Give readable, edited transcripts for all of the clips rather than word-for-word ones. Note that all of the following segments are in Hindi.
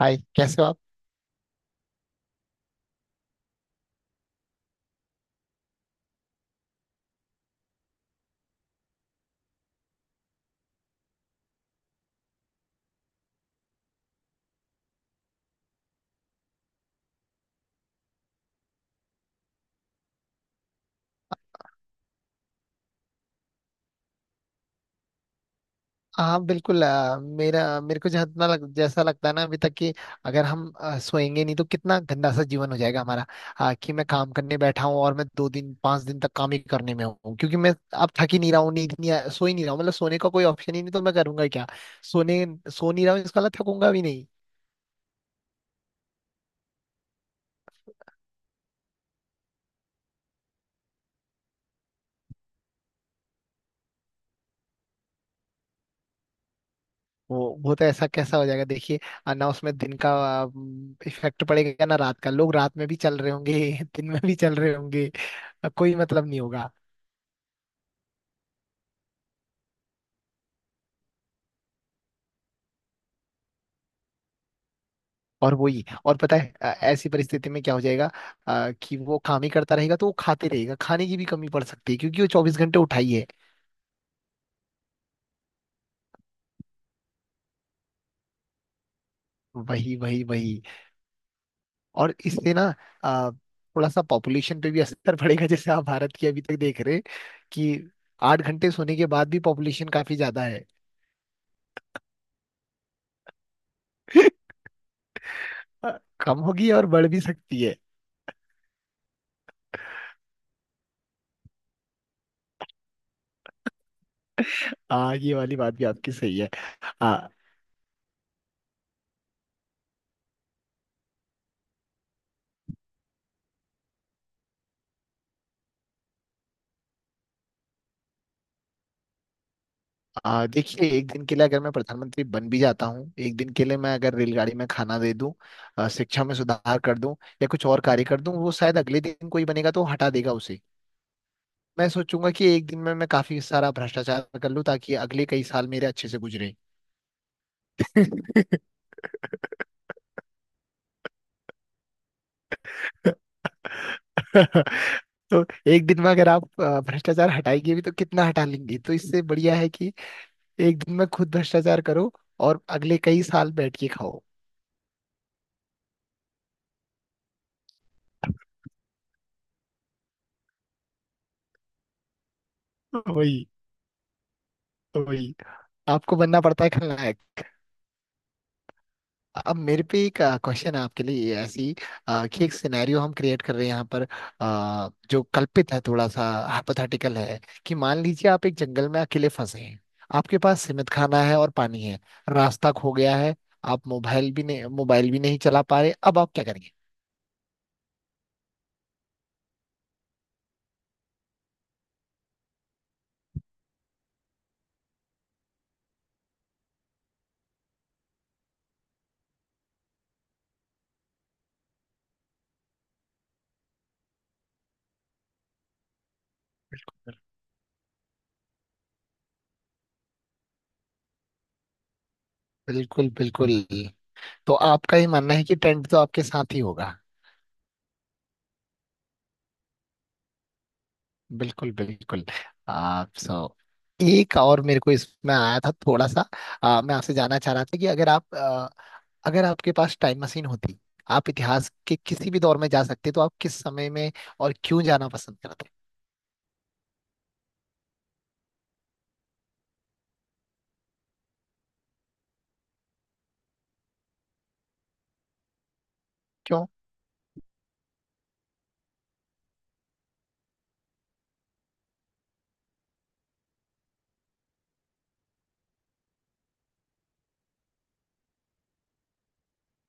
हाय, कैसे हो आप? हाँ, बिल्कुल। मेरा मेरे को जितना जैसा लगता है ना अभी तक कि अगर हम सोएंगे नहीं तो कितना गंदा सा जीवन हो जाएगा हमारा। कि मैं काम करने बैठा हूँ और मैं 2 दिन 5 दिन तक काम ही करने में हूँ, क्योंकि मैं अब थक ही नहीं रहा हूँ, नींद नहीं सो ही नहीं रहा हूँ, मतलब सोने का कोई ऑप्शन ही नहीं, तो मैं करूंगा क्या? सोने सो नहीं रहा हूँ, इसका मतलब थकूंगा भी नहीं। वो तो ऐसा कैसा हो जाएगा, देखिए। ना उसमें दिन का इफेक्ट पड़ेगा ना रात का, लोग रात में भी चल रहे होंगे दिन में भी चल रहे होंगे। कोई मतलब नहीं होगा। और वही। और पता है, ऐसी परिस्थिति में क्या हो जाएगा? कि वो काम ही करता रहेगा तो वो खाते रहेगा, खाने की भी कमी पड़ सकती है, क्योंकि वो 24 घंटे उठाई है। वही, वही, वही। और इससे ना अ, थोड़ा सा पॉपुलेशन पे भी असर पड़ेगा, जैसे आप भारत की अभी तक देख रहे हैं, कि 8 घंटे सोने के बाद भी पॉपुलेशन काफी ज्यादा है। अ, कम होगी और बढ़ भी सकती है। हाँ, ये वाली बात भी आपकी सही है। हाँ। देखिए, एक दिन के लिए अगर मैं प्रधानमंत्री बन भी जाता हूँ, एक दिन के लिए मैं अगर रेलगाड़ी में खाना दे दूं, शिक्षा में सुधार कर दूं या कुछ और कार्य कर दूं, वो शायद अगले दिन कोई बनेगा तो हटा देगा उसे। मैं सोचूंगा कि एक दिन में मैं काफी सारा भ्रष्टाचार कर लूं, ताकि अगले कई साल मेरे अच्छे से गुजरे। तो एक दिन में अगर आप भ्रष्टाचार हटाएंगे भी तो कितना हटा लेंगे, तो इससे बढ़िया है कि एक दिन में खुद भ्रष्टाचार करो और अगले कई साल बैठ के खाओ। वही, वही। आपको बनना पड़ता है खलनायक। अब मेरे पे एक क्वेश्चन है आपके लिए, ये ऐसी कि एक सिनेरियो हम क्रिएट कर रहे हैं यहाँ पर, जो कल्पित है थोड़ा सा, हाइपोथेटिकल है, कि मान लीजिए आप एक जंगल में अकेले फंसे हैं। आपके पास सीमित खाना है और पानी है। रास्ता खो गया है। आप मोबाइल भी नहीं चला पा रहे, अब आप क्या करेंगे? बिल्कुल, बिल्कुल। तो आपका ये मानना है कि टेंट तो आपके साथ ही होगा। बिल्कुल, बिल्कुल। आप एक और मेरे को इसमें आया था थोड़ा सा। मैं आपसे जानना चाह रहा था कि अगर आप अगर आपके पास टाइम मशीन होती, आप इतिहास के किसी भी दौर में जा सकते, तो आप किस समय में और क्यों जाना पसंद करते? क्यों?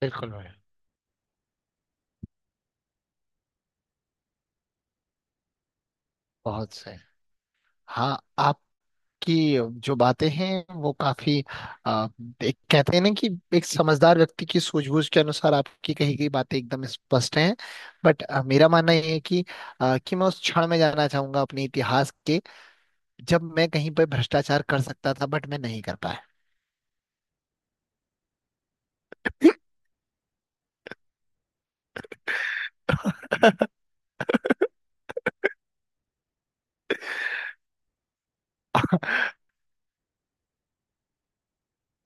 बिल्कुल, भाई। बहुत सही। हाँ, आप कि जो बातें हैं वो काफी आ, एक कहते हैं ना कि एक समझदार व्यक्ति की सूझबूझ के अनुसार आपकी कही गई बातें एकदम स्पष्ट हैं। बट मेरा मानना ये है कि मैं उस क्षण में जाना चाहूंगा अपने इतिहास के, जब मैं कहीं पर भ्रष्टाचार कर सकता था, बट मैं नहीं कर पाया।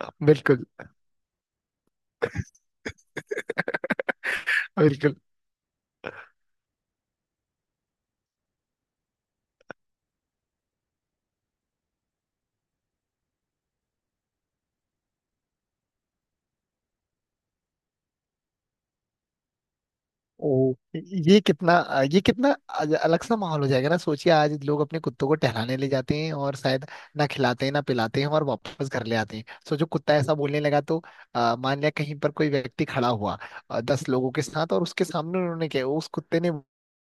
बिल्कुल, बिल्कुल। ओ, ये कितना अलग सा माहौल हो जाएगा ना। सोचिए, आज लोग अपने कुत्तों को टहलाने ले जाते हैं और शायद ना खिलाते हैं ना पिलाते हैं और वापस घर ले आते हैं, सो जो कुत्ता ऐसा बोलने लगा तो। मान लिया कहीं पर कोई व्यक्ति खड़ा हुआ 10 लोगों के साथ, और उसके सामने उन्होंने क्या, उस कुत्ते ने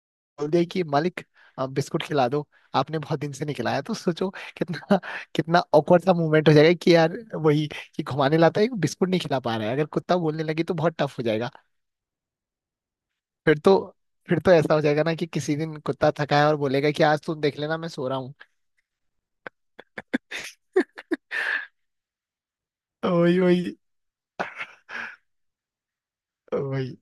बोल दिया कि मालिक, बिस्कुट खिला दो, आपने बहुत दिन से नहीं खिलाया, तो सोचो कितना, कितना awkward सा मोमेंट हो जाएगा कि यार वही, कि घुमाने लाता है, बिस्कुट नहीं खिला पा रहा है, अगर कुत्ता बोलने लगे तो बहुत टफ हो जाएगा। फिर तो फिर तो ऐसा हो जाएगा ना कि किसी दिन कुत्ता थका है और बोलेगा कि आज तुम देख लेना, मैं सो रहा हूँ। वही, वही, वही।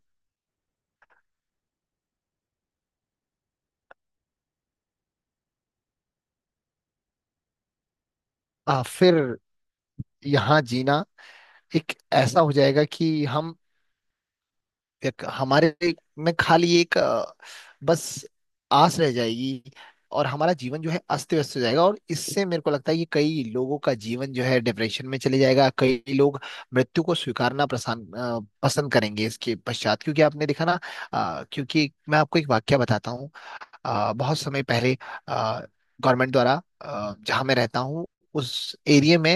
फिर यहाँ जीना एक ऐसा हो जाएगा कि हम एक हमारे में खाली एक बस आस रह जाएगी। और हमारा जीवन जो है अस्त व्यस्त हो जाएगा, और इससे मेरे को लगता है कि कई लोगों का जीवन जो है डिप्रेशन में चले जाएगा, कई लोग मृत्यु को स्वीकारना पसंद पसंद करेंगे इसके पश्चात, क्योंकि आपने देखा ना। क्योंकि मैं आपको एक वाक्य बताता हूँ, बहुत समय पहले गवर्नमेंट द्वारा जहाँ मैं रहता हूँ उस एरिया में,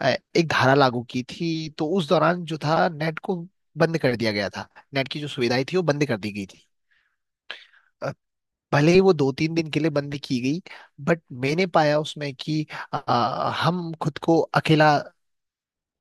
अ, एक धारा लागू की थी, तो उस दौरान जो था नेट को बंद कर दिया गया था, नेट की जो सुविधाएं थी वो बंद कर दी गई थी। अ, भले ही वो 2-3 दिन के लिए बंद की गई, बट मैंने पाया उसमें कि अ, हम खुद को अकेला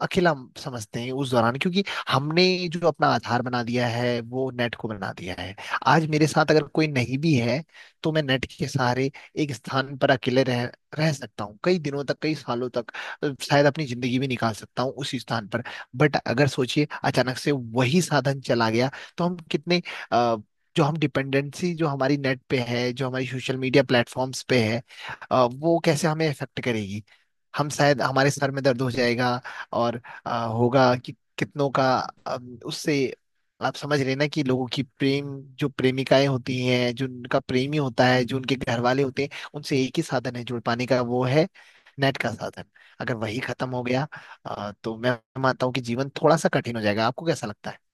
अकेला हम समझते हैं उस दौरान, क्योंकि हमने जो अपना आधार बना दिया है वो नेट को बना दिया है। आज मेरे साथ अगर कोई नहीं भी है, तो मैं नेट के सहारे एक स्थान पर अकेले रह रह सकता हूँ कई दिनों तक कई सालों तक। शायद अपनी जिंदगी भी निकाल सकता हूँ उसी स्थान पर। बट अगर सोचिए अचानक से वही साधन चला गया, तो हम कितने अ, जो हम डिपेंडेंसी, जो हमारी नेट पे है, जो हमारी सोशल मीडिया प्लेटफॉर्म्स पे है, वो कैसे हमें इफेक्ट करेगी। हम शायद हमारे सर में दर्द हो जाएगा। और होगा कि कितनों का, उससे आप समझ रहे ना कि लोगों की प्रेम, जो प्रेमिकाएं होती हैं, जो उनका प्रेमी होता है, जो उनके घर वाले होते हैं, उनसे एक ही साधन है जुड़ पाने का, वो है नेट का साधन। अगर वही खत्म हो गया, तो मैं मानता हूँ कि जीवन थोड़ा सा कठिन हो जाएगा। आपको कैसा लगता है?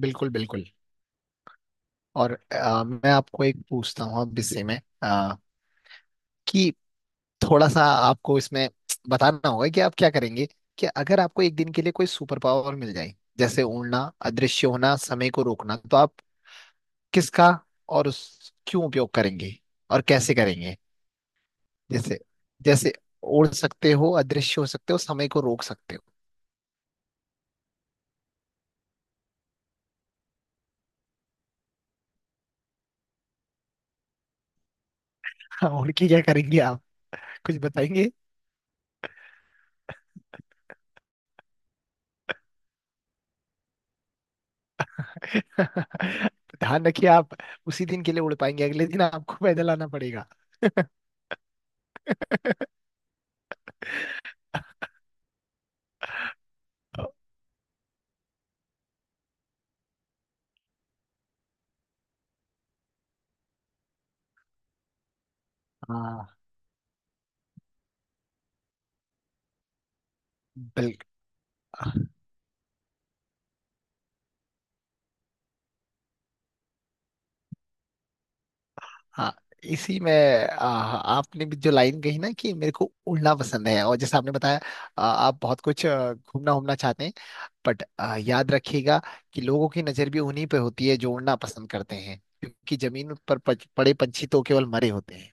बिल्कुल, बिल्कुल। और मैं आपको एक पूछता हूँ, अब इससे में कि थोड़ा सा आपको इसमें बताना होगा कि आप क्या करेंगे, कि अगर आपको एक दिन के लिए कोई सुपर पावर मिल जाए, जैसे उड़ना, अदृश्य होना, समय को रोकना, तो आप किसका और उस क्यों उपयोग करेंगे और कैसे करेंगे? जैसे जैसे उड़ सकते हो, अदृश्य हो सकते हो, समय को रोक सकते हो। हाँ, उड़ के क्या करेंगे आप? कुछ बताएंगे? ध्यान रखिए, आप उसी दिन के लिए उड़ पाएंगे, अगले दिन आपको पैदल आना पड़ेगा। हाँ। बिल्कुल। हाँ। इसी में आपने भी जो लाइन कही ना कि मेरे को उड़ना पसंद है, और जैसे आपने बताया आप बहुत कुछ घूमना घूमना चाहते हैं। बट याद रखिएगा कि लोगों की नजर भी उन्हीं पे होती है जो उड़ना पसंद करते हैं, क्योंकि जमीन पर पड़े पंछी तो केवल मरे होते हैं।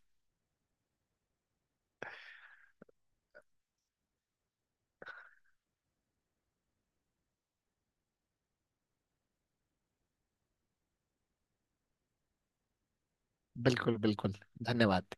बिल्कुल, बिल्कुल। धन्यवाद।